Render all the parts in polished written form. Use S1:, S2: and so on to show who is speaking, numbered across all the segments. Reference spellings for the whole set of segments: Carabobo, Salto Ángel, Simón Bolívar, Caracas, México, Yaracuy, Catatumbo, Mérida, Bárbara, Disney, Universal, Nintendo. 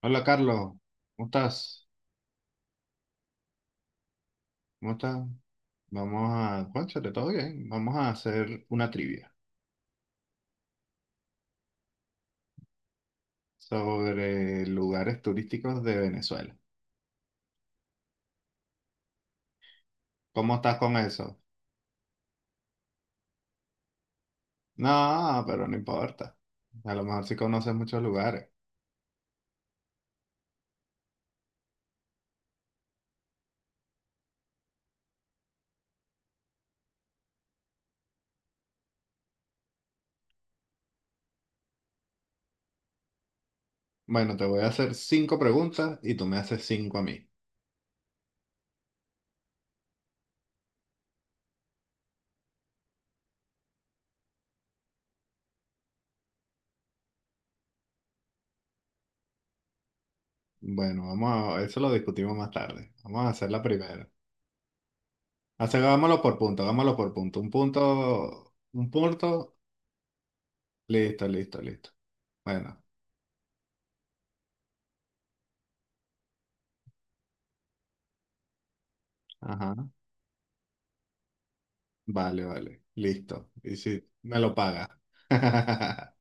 S1: Hola Carlos, ¿cómo estás? ¿Cómo estás? Vamos a, cónchale, todo bien. Vamos a hacer una trivia sobre lugares turísticos de Venezuela. ¿Cómo estás con eso? No, pero no importa. A lo mejor sí conoces muchos lugares. Bueno, te voy a hacer cinco preguntas y tú me haces cinco a mí. Bueno, vamos a, eso lo discutimos más tarde. Vamos a hacer la primera. Hace- vámonos por punto, vámonos por punto. Un punto, un punto. Listo, listo, listo. Bueno, ajá. Vale, vale. Listo. Y si me lo paga.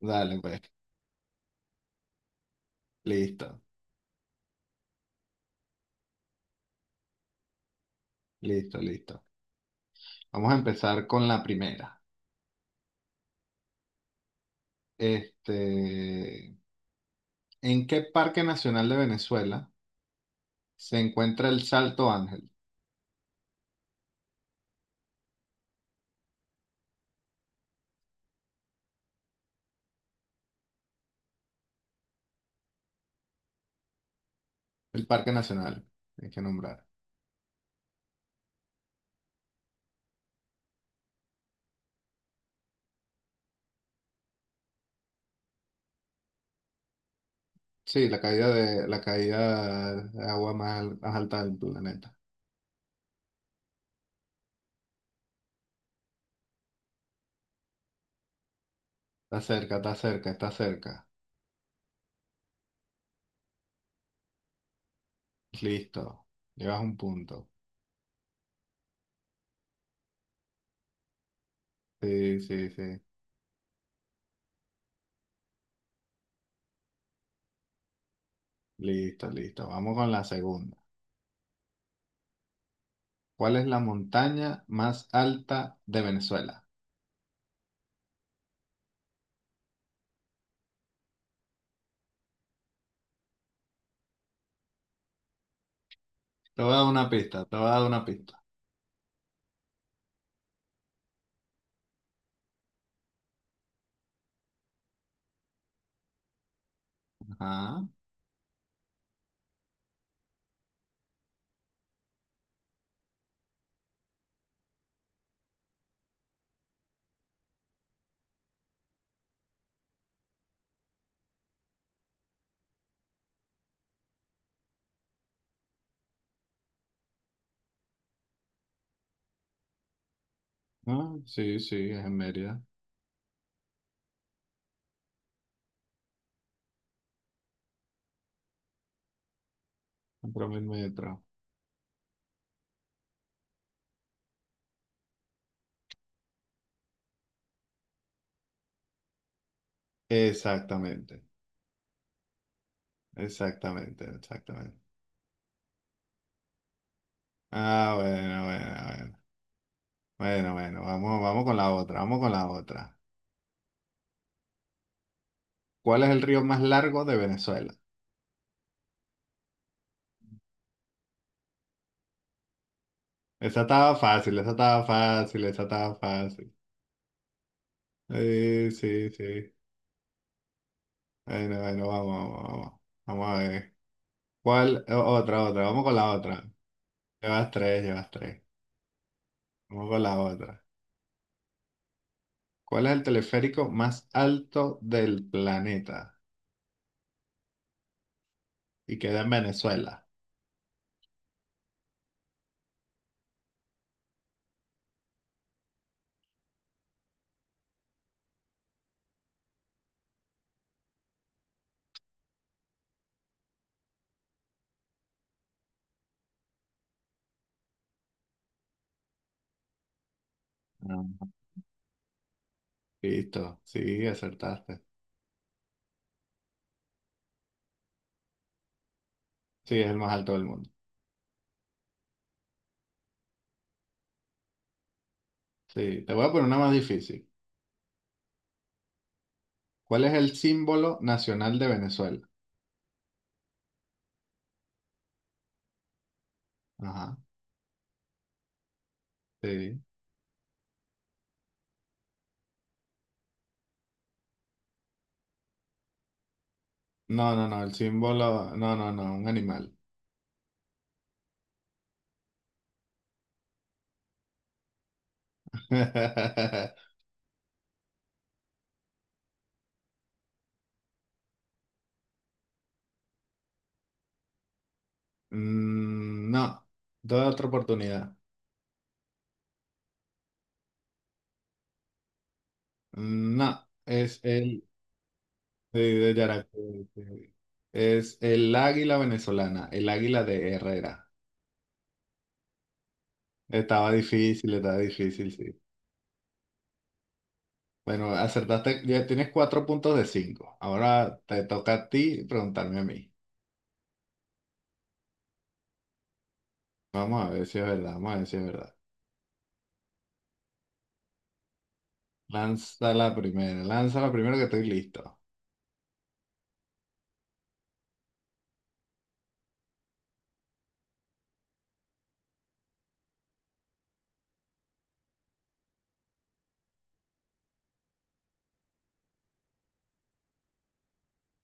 S1: Dale, pues. Listo, listo, listo. Vamos a empezar con la primera. Este, ¿En qué parque nacional de Venezuela se encuentra el Salto Ángel? El parque nacional, hay que nombrar. Sí, la caída de agua más alta del planeta. Está cerca, está cerca, está cerca. Listo. Llevas un punto. Sí, sí, sí. Listo, listo. Vamos con la segunda. ¿Cuál es la montaña más alta de Venezuela? Te voy a dar una pista, te voy a dar una pista. Ajá. Ah, sí, sí, es en Mérida. 4.000 metros. Exactamente, exactamente, exactamente. Ah, bueno, bueno, bueno. Bueno, bueno, vamos, vamos con la otra, vamos con la otra. ¿Cuál es el río más largo de Venezuela? Esa estaba fácil, esa estaba fácil, esa estaba fácil. Sí, sí, sí. Bueno, bueno, vamos, vamos, vamos. Vamos a ver. ¿Cuál? Otra, otra, vamos con la otra. Llevas tres, llevas tres. Vamos con la otra. ¿Cuál es el teleférico más alto del planeta? Y queda en Venezuela. Ah, listo, sí, acertaste. Sí, es el más alto del mundo. Sí, te voy a poner una más difícil. ¿Cuál es el símbolo nacional de Venezuela? Ajá, sí. No, no, no, el símbolo, no, no, no, un animal. No, doy otra oportunidad. No, es el... Sí, de Yaracuy, sí. Es el águila venezolana, el águila de Herrera. Estaba difícil, sí. Bueno, acertaste, ya tienes cuatro puntos de cinco. Ahora te toca a ti preguntarme a mí. Vamos a ver si es verdad, vamos a ver si es verdad. Lanza la primera que estoy listo.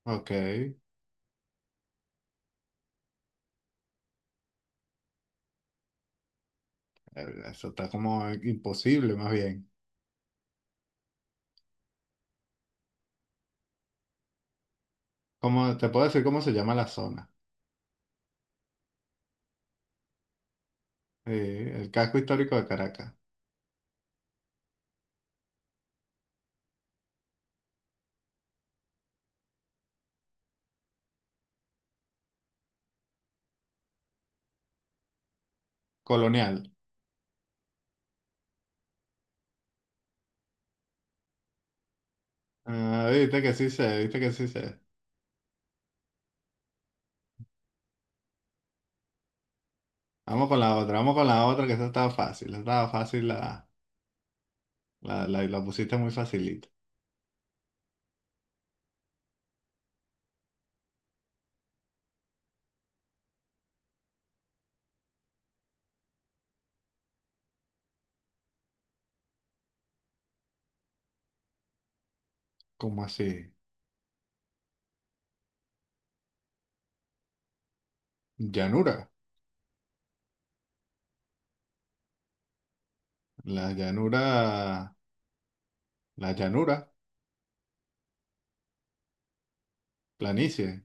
S1: Ok, eso está como imposible más bien. ¿Cómo, te puedo decir cómo se llama la zona? Sí, el casco histórico de Caracas, colonial. Ah, viste que sí sé, viste que sí sé. Vamos con la otra, vamos con la otra, que esta estaba fácil, la pusiste muy facilita. ¿Cómo así? Llanura, la llanura, la llanura, planicie,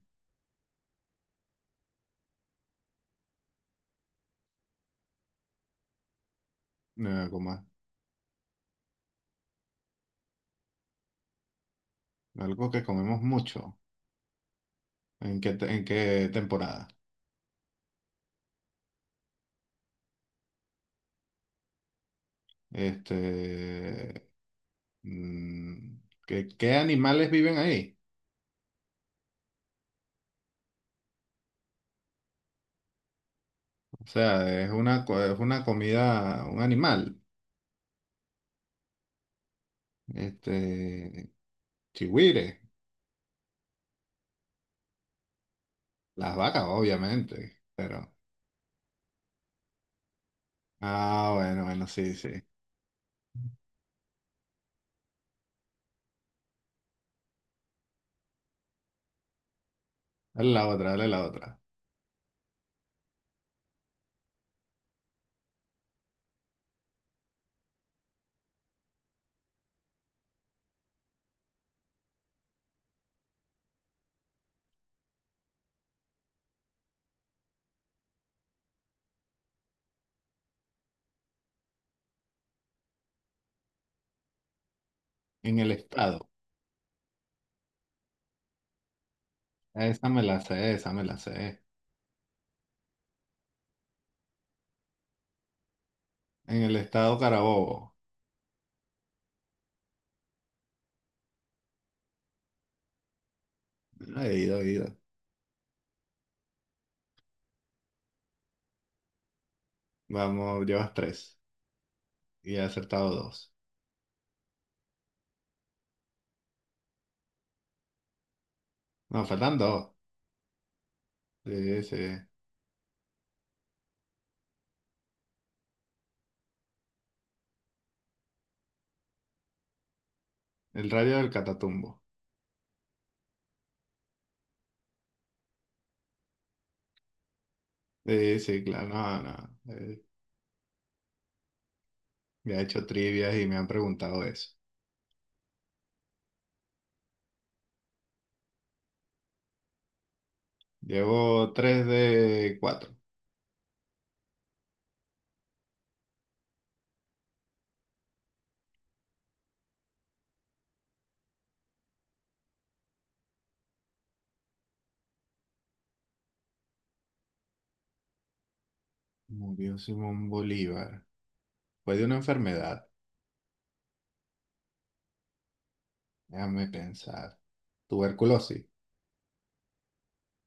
S1: como algo que comemos mucho. ¿En qué, te- en qué temporada? Este, mm, ¿qué animales viven ahí? O sea, es una comida, un animal. Este, chigüire, las vacas, obviamente, pero... Ah, bueno, bueno, sí, sí. Dale la otra, dale la otra. En el estado. Esa me la sé, esa me la sé. En el estado Carabobo. Ah, he ido, he ido. Vamos, llevas tres. Y he acertado dos. No, faltan dos. Sí, sí. El rayo del Catatumbo. Sí, sí, claro. No, no. Ya he hecho trivias y me han preguntado eso. Llevo tres de cuatro. Murió Simón Bolívar. Fue de una enfermedad. Déjame pensar. Tuberculosis.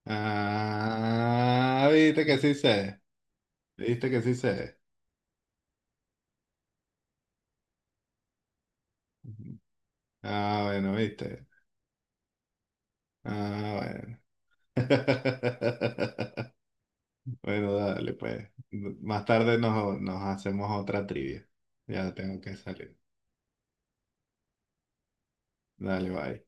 S1: Ah, viste que sí sé. Viste que sí sé. Ah, bueno, viste. Ah, bueno. Bueno, dale, pues. Más tarde nos hacemos otra trivia. Ya tengo que salir. Dale, bye.